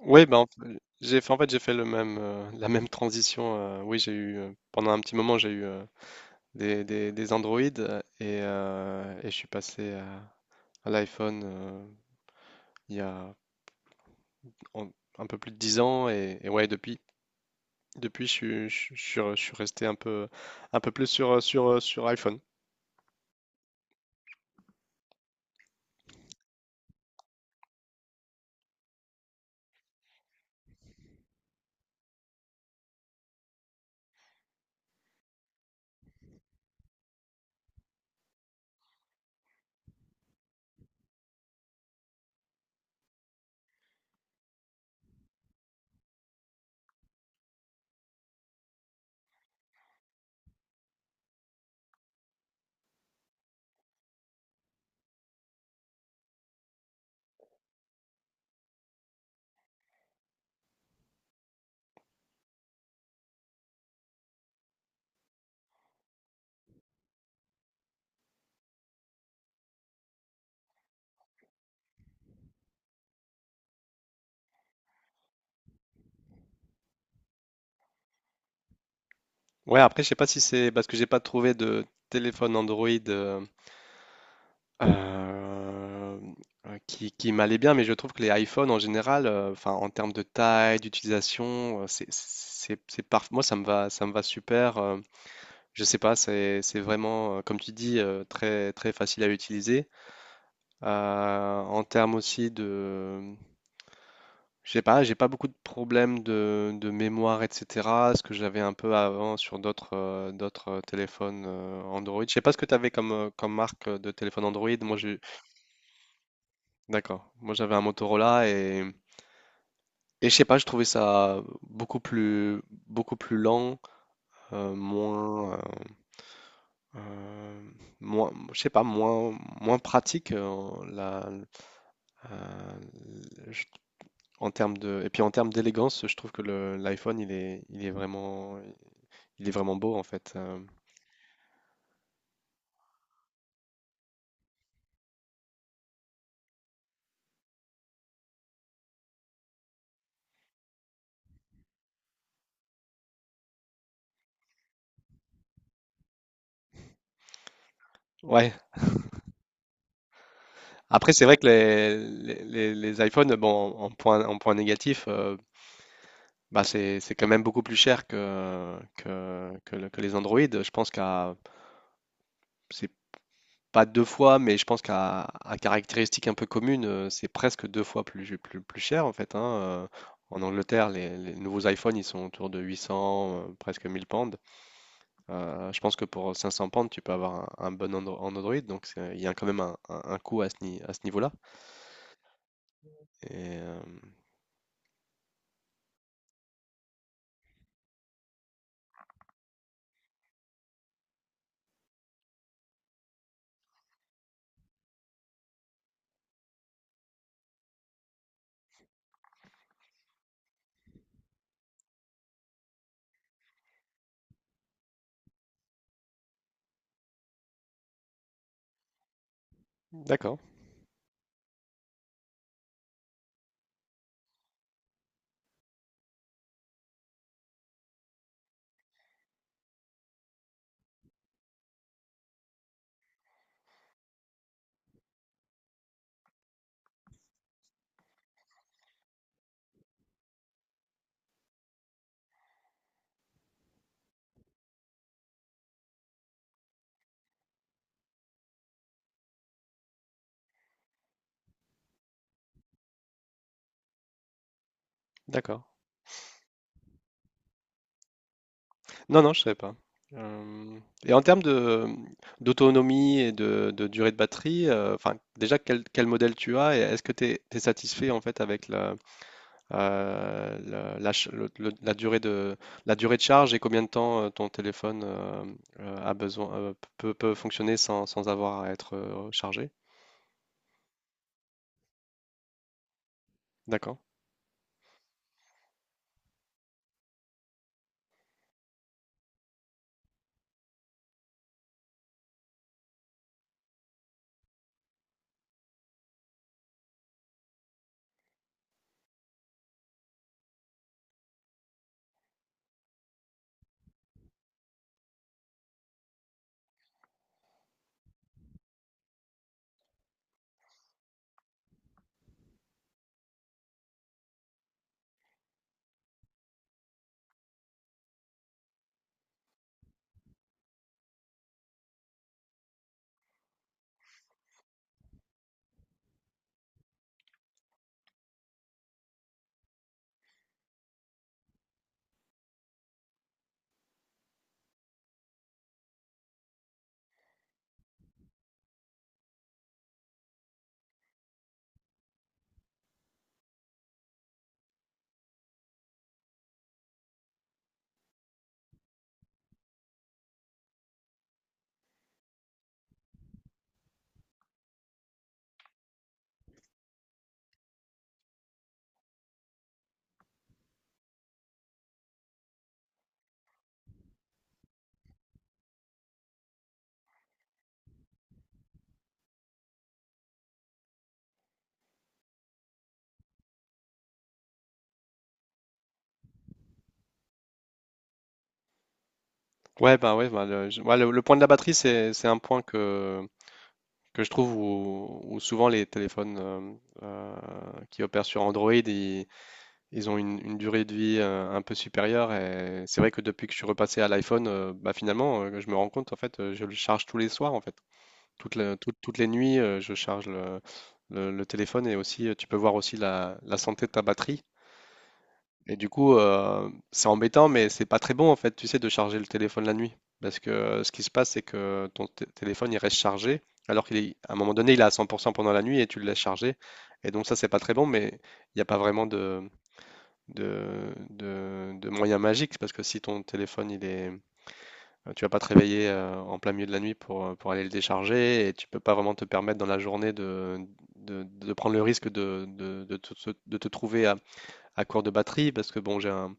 Oui, ben, en fait, j'ai fait la même transition. Oui, j'ai eu, pendant un petit moment, j'ai eu des Android, et je suis passé à l'iPhone, il y a en- un peu plus de 10 ans. Et ouais, depuis je suis resté un peu plus sur iPhone. Ouais, après, je sais pas si c'est parce que j'ai pas trouvé de téléphone Android, euh, qui m'allait bien, mais je trouve que les iPhones en général, enfin, en termes de taille, d'utilisation, moi, ça me va, super. Je sais pas, c'est vraiment, comme tu dis, très, très facile à utiliser. En termes aussi de, je sais pas, j'ai pas beaucoup de problèmes de mémoire, etc. Ce que j'avais un peu avant sur d'autres, d'autres téléphones, Android. Je sais pas ce que tu avais comme, comme marque, de téléphone Android. Moi, je D'accord. Moi, j'avais un Motorola et, je sais pas, je trouvais ça beaucoup plus, lent, moins, euh, euh, moins, je sais pas, moins pratique, euh, je- en termes de, et puis en termes d'élégance, je trouve que l'iPhone, il est vraiment beau en fait. Ouais. Après, c'est vrai que les iPhones, bon, en point négatif. Bah, c'est quand même beaucoup plus cher que, que les Android. C'est pas deux fois, mais je pense qu'à à caractéristiques un peu communes, c'est presque deux fois plus, cher en fait, hein. En Angleterre, les nouveaux iPhones, ils sont autour de 800, presque 1 000 pounds. Je pense que pour 500 pounds, tu peux avoir un bon Andro- en Android, donc il y a quand même un, un coût à ce, ni- à ce niveau-là. Et, euh, d'accord, d'accord. Non, non, je savais pas. Euh, Et en termes de d'autonomie et de durée de batterie, enfin déjà quel modèle tu as et est-ce que tu es satisfait en fait avec la, la, la ch- le- la durée de charge et combien de temps ton téléphone, peut fonctionner sans avoir à être, chargé? D'accord. Ouais, bah, ouais, bah, le, je- ouais, le point de la batterie, c'est un point que je trouve où, souvent les téléphones, euh, qui opèrent sur Android, ils ont une durée de vie, un peu supérieure, et c'est vrai que depuis que je suis repassé à l'iPhone, bah finalement, je me rends compte en fait, je le charge tous les soirs en fait, toutes les nuits, je charge le téléphone, et aussi, tu peux voir aussi la santé de ta batterie. Et du coup, c'est embêtant, mais c'est pas très bon en fait, tu sais, de charger le téléphone la nuit, parce que, ce qui se passe, c'est que ton téléphone, il reste chargé, alors qu'il est, à un moment donné, il est à 100% pendant la nuit et tu le laisses charger, et donc ça, c'est pas très bon, mais il n'y a pas vraiment de moyens magiques, parce que si ton téléphone, tu vas pas te réveiller, en plein milieu de la nuit pour, aller le décharger, et tu peux pas vraiment te permettre dans la journée de prendre le risque de te trouver à court de batterie, parce que bon,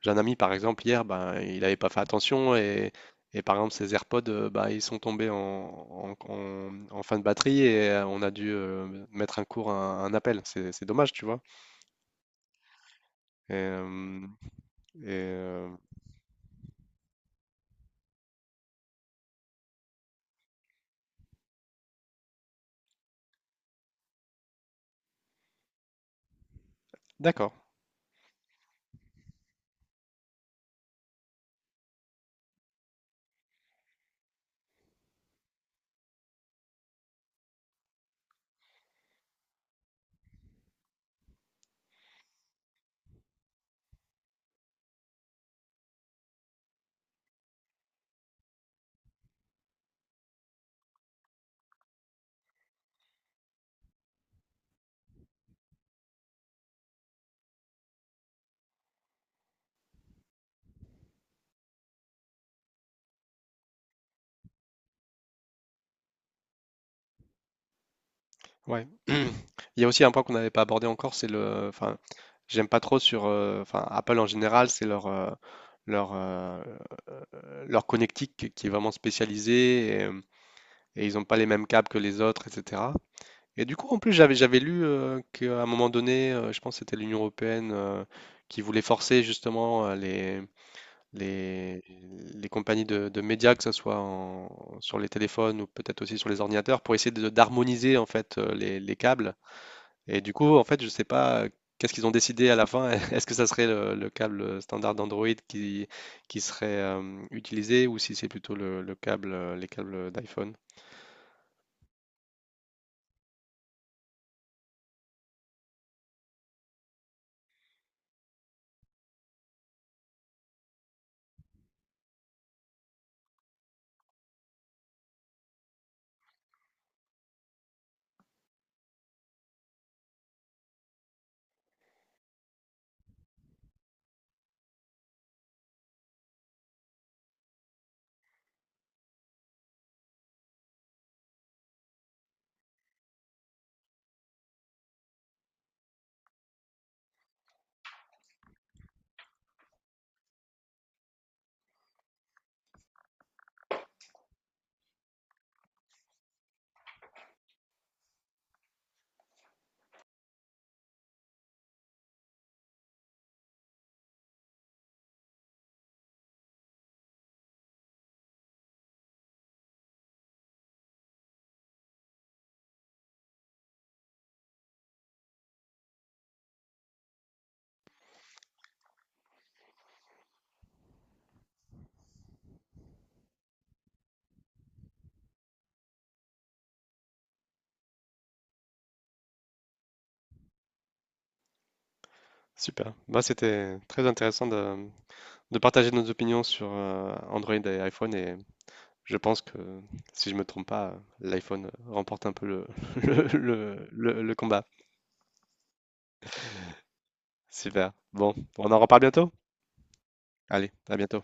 j'ai un ami, par exemple, hier, ben, il avait pas fait attention, et, par exemple, ses AirPods, bah, ils sont tombés en fin de batterie, et on a dû, mettre un court un appel. C'est dommage, tu vois. Et, euh, et, euh, d'accord. Ouais. Il y a aussi un point qu'on n'avait pas abordé encore, c'est le... enfin, j'aime pas trop, sur. Enfin, Apple en général, c'est leur euh, leur connectique qui est vraiment spécialisée, et ils n'ont pas les mêmes câbles que les autres, etc. Et du coup, en plus, j'avais lu, qu'à un moment donné, je pense que c'était l'Union européenne, qui voulait forcer justement, les les compagnies de médias, que ce soit sur les téléphones ou peut-être aussi sur les ordinateurs, pour essayer d'harmoniser en fait, les câbles, et du coup, en fait, je sais pas, qu'est-ce qu'ils ont décidé à la fin. Est-ce que ça serait le câble standard d'Android qui serait, utilisé, ou si c'est plutôt les câbles d'iPhone? Super. Bah, c'était très intéressant de partager nos opinions sur, Android et iPhone. Et je pense que, si je me trompe pas, l'iPhone remporte un peu le... le combat. Super. Bon, on en reparle bientôt? Allez, à bientôt.